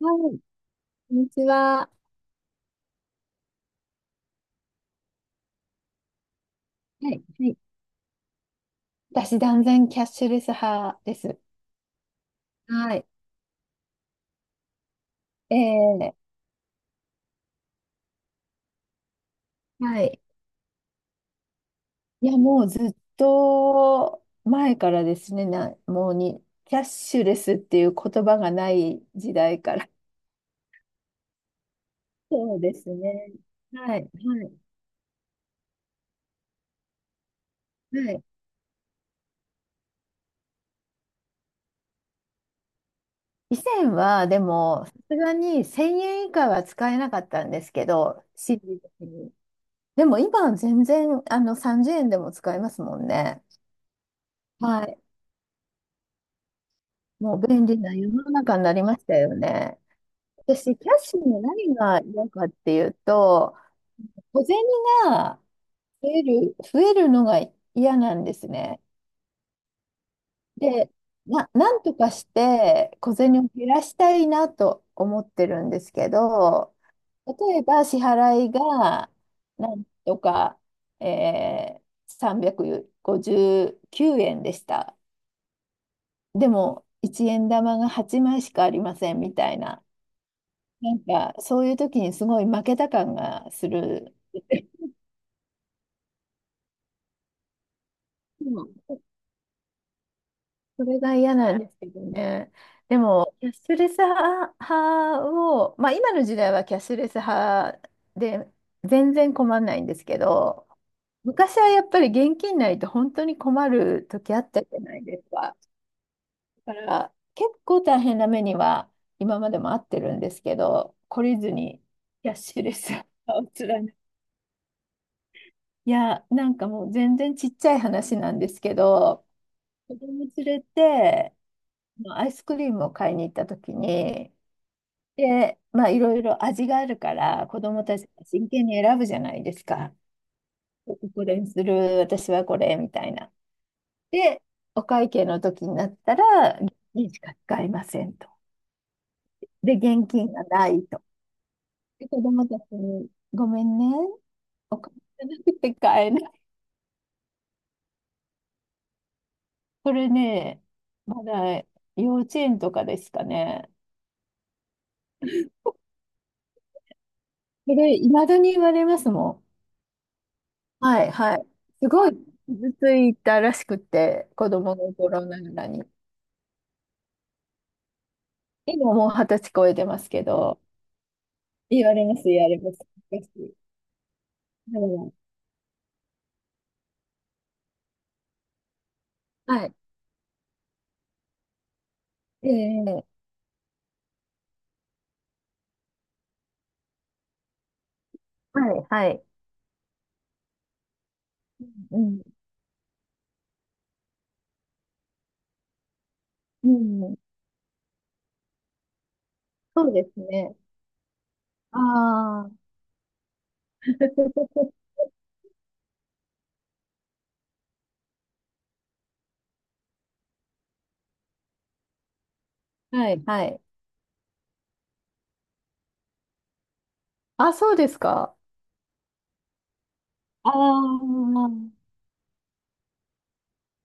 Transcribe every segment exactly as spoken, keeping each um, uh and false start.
はい、こんにちは。はい、はい、私、断然キャッシュレス派です。はい、えーはい、いや、もうずっと前からですね、な、もうに、キャッシュレスっていう言葉がない時代から。そうですね。はい、はい、はい、以前は、でも、さすがにせんえん以下は使えなかったんですけど、心理的に。でも今は全然、あの、さんじゅうえんでも使えますもんね。はい。もう便利な世の中になりましたよね。私、キャッシュの何が嫌かっていうと、小銭が増える、増えるのが嫌なんですね。で、な、なんとかして小銭を減らしたいなと思ってるんですけど、例えば支払いがなんとか、えー、さんびゃくごじゅうきゅうえんでした。でも、いちえん玉がはちまいしかありませんみたいな。なんか、そういう時にすごい負けた感がする。でもそれが嫌なんですけどね。でも、キャッシュレス派を、まあ今の時代はキャッシュレス派で全然困んないんですけど、昔はやっぱり現金ないと本当に困る時あったじゃないですか。だから結構大変な目には今までもあってるんですけど、懲りずにキャッシュレスを貫いて。いや、なんかもう全然ちっちゃい話なんですけど、子供連れて、まあアイスクリームを買いに行った時に、で、まあいろいろ味があるから、子供たちが真剣に選ぶじゃないですか。ここれにする、私はこれ、みたいな。で、お会計の時になったら、現金しか使いませんと。で、現金がないと。で、子供たちに、ごめんね、お金がなくて買えない。これね、まだ幼稚園とかですかね。それ、いまだに言われますもん。はい、はい。すごい傷ついたらしくて、子供の頃ながらに。今もう二十歳超えてますけど、言われます、言われます。昔だから、はい。ええ、はい、はい。うん、うん、うん、そうですね。ああ、はい、はい。あ、そうですか。ああ、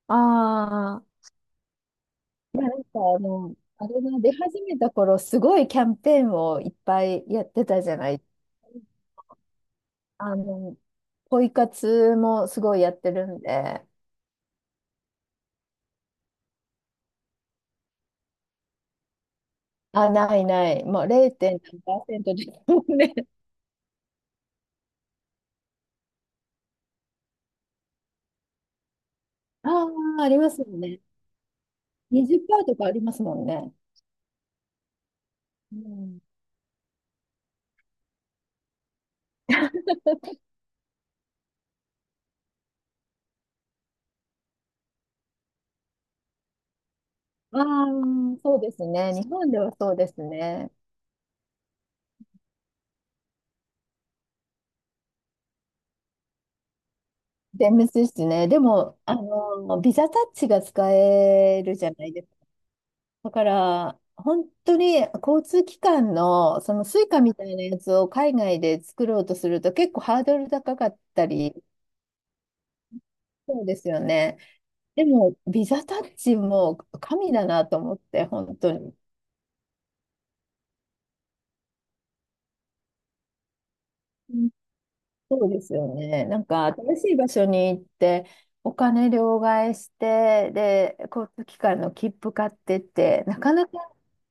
ああ。まあ、なんか、あの、あれが出始めた頃、すごいキャンペーンをいっぱいやってたじゃない。あの、ポイ活もすごいやってるんで、あ、ないない、もう ぜろ. 何パーセントですもんね。ああ、ありますよね。にじゅっパーセントとかありますもんね。うん、ああ、そうですね。日本ではそうですね。全滅ですね。でも、あの、ビザタッチが使えるじゃないですか。だから、本当に交通機関のそのスイカみたいなやつを海外で作ろうとすると結構ハードル高かったり、そうですよね。でも、ビザタッチも神だなと思って、本当に。そうですよね。なんか新しい場所に行ってお金両替してで交通機関の切符買ってって、なかなか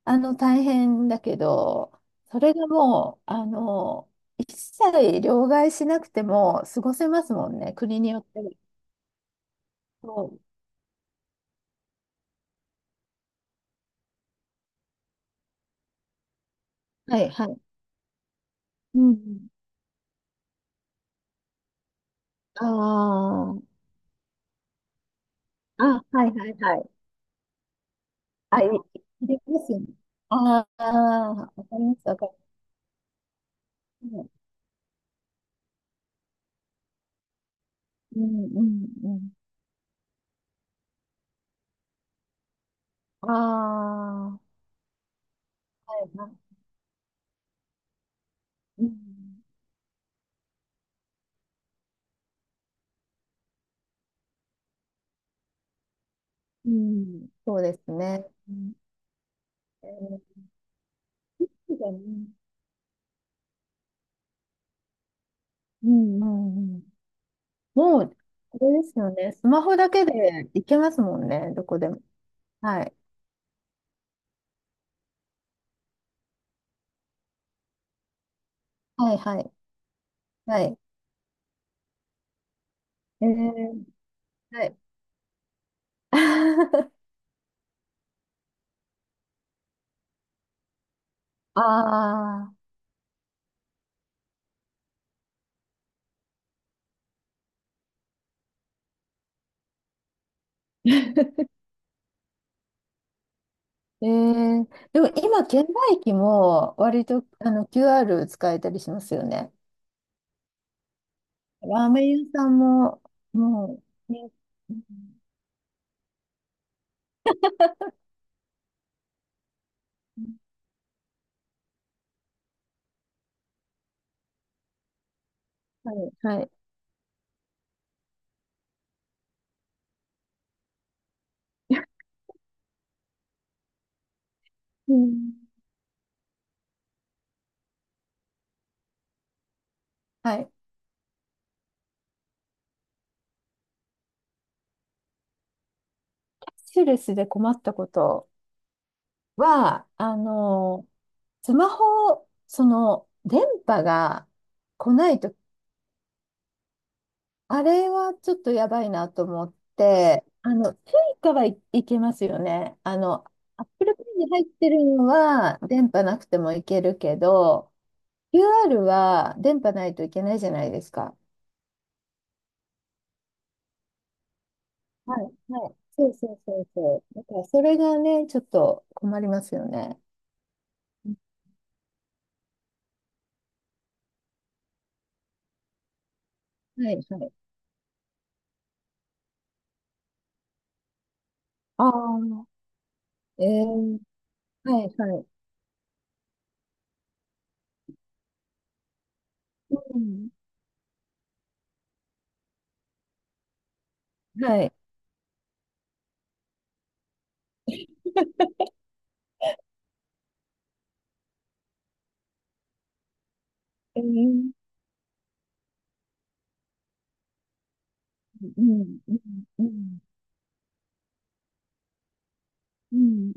あの大変だけど、それがもうあの一切両替しなくても過ごせますもんね、国によっては。そう、はいはい。うん。ああ。あ、はいはいはい。あ、い、できますよね。ああ、わかります、わかります。うんうんうん。ああ。はいはい、うん、うん、そうですね。うん、えーそうだね、うん、うん、うん。もう、あれですよね。スマホだけでいけますもんね、どこでも。はい。はい、はい、はい。えー、はい。ああ。えー、でも今、券売機も割とあの キューアール 使えたりしますよね。ラーメン屋さんも、もう、ね、うん、はい、はい。うん、はい。スキルスで困ったことは、あの、スマホ、その、電波が来ないと、あれはちょっとやばいなと思って、あの、スイカはいいけますよね。あの、Apple Pay に入ってるのは、電波なくてもいけるけど、キューアール は電波ないといけないじゃないですか。はい、はい。そうそうそうそう。だから、それがね、ちょっと困りますよね。はい、はい。ああ。えーはい、はい。うん。はい。えー、うん、うん、うん、うん。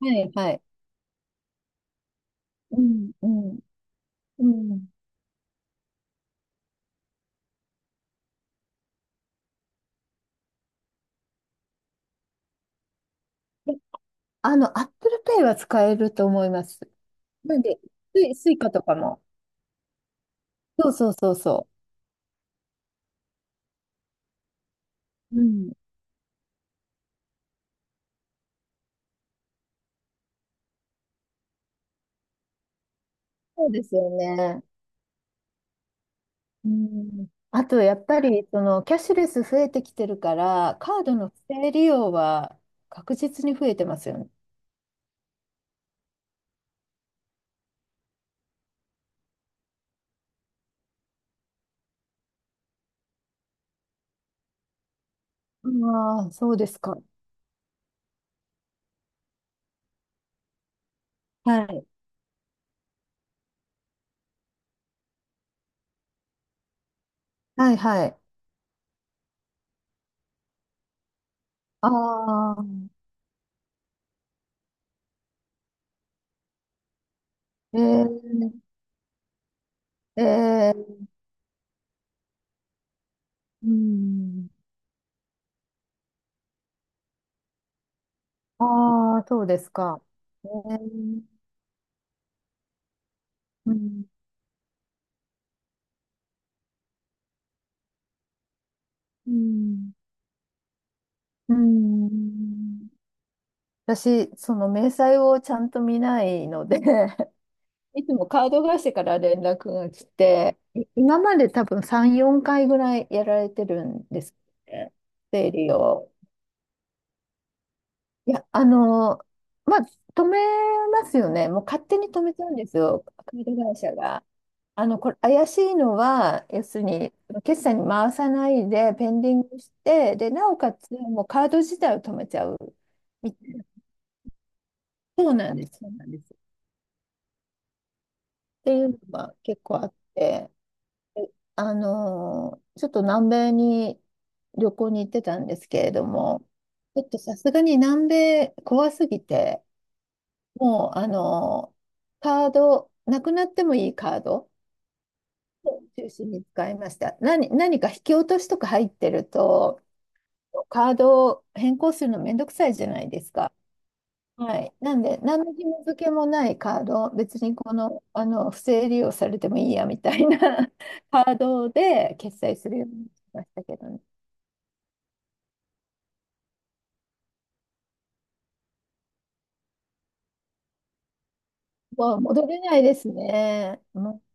はい、はい。うん、うん、うん。えあの、アップルペイは使えると思います。なんで、スイ、スイカとかも。そうそうそうそう。うん。そうですよね。うん。あと、やっぱり、その、キャッシュレス増えてきてるから、カードの不正利用は確実に増えてますよね。ああ、そうですか。はい。はい、はい。ああ。えー、えー、うん。ああ、そうですか。えー、うん、うん。うん。私、その明細をちゃんと見ないので いつもカード会社から連絡が来て、い今まで多分さん、よんかいぐらいやられてるんですよね。整理を。いや、あのーまあ、止めますよね。もう勝手に止めちゃうんですよ、カード会社が。あの、これ、怪しいのは、要するに、決済に回さないで、ペンディングして、で、なおかつ、もうカード自体を止めちゃう。みそうなんです、そうなんです。っていうのが結構あって、で、あのーちょっと南米に旅行に行ってたんですけれども、ちょっとさすがに南米怖すぎて、もう、あの、カード、なくなってもいいカードを中心に使いました。何、何か引き落としとか入ってると、カードを変更するのめんどくさいじゃないですか。はい。なんで、何の紐付けもないカード、別にこの、あの、不正利用されてもいいやみたいな カードで決済するようにしましたけどね。もう戻れないですね。もう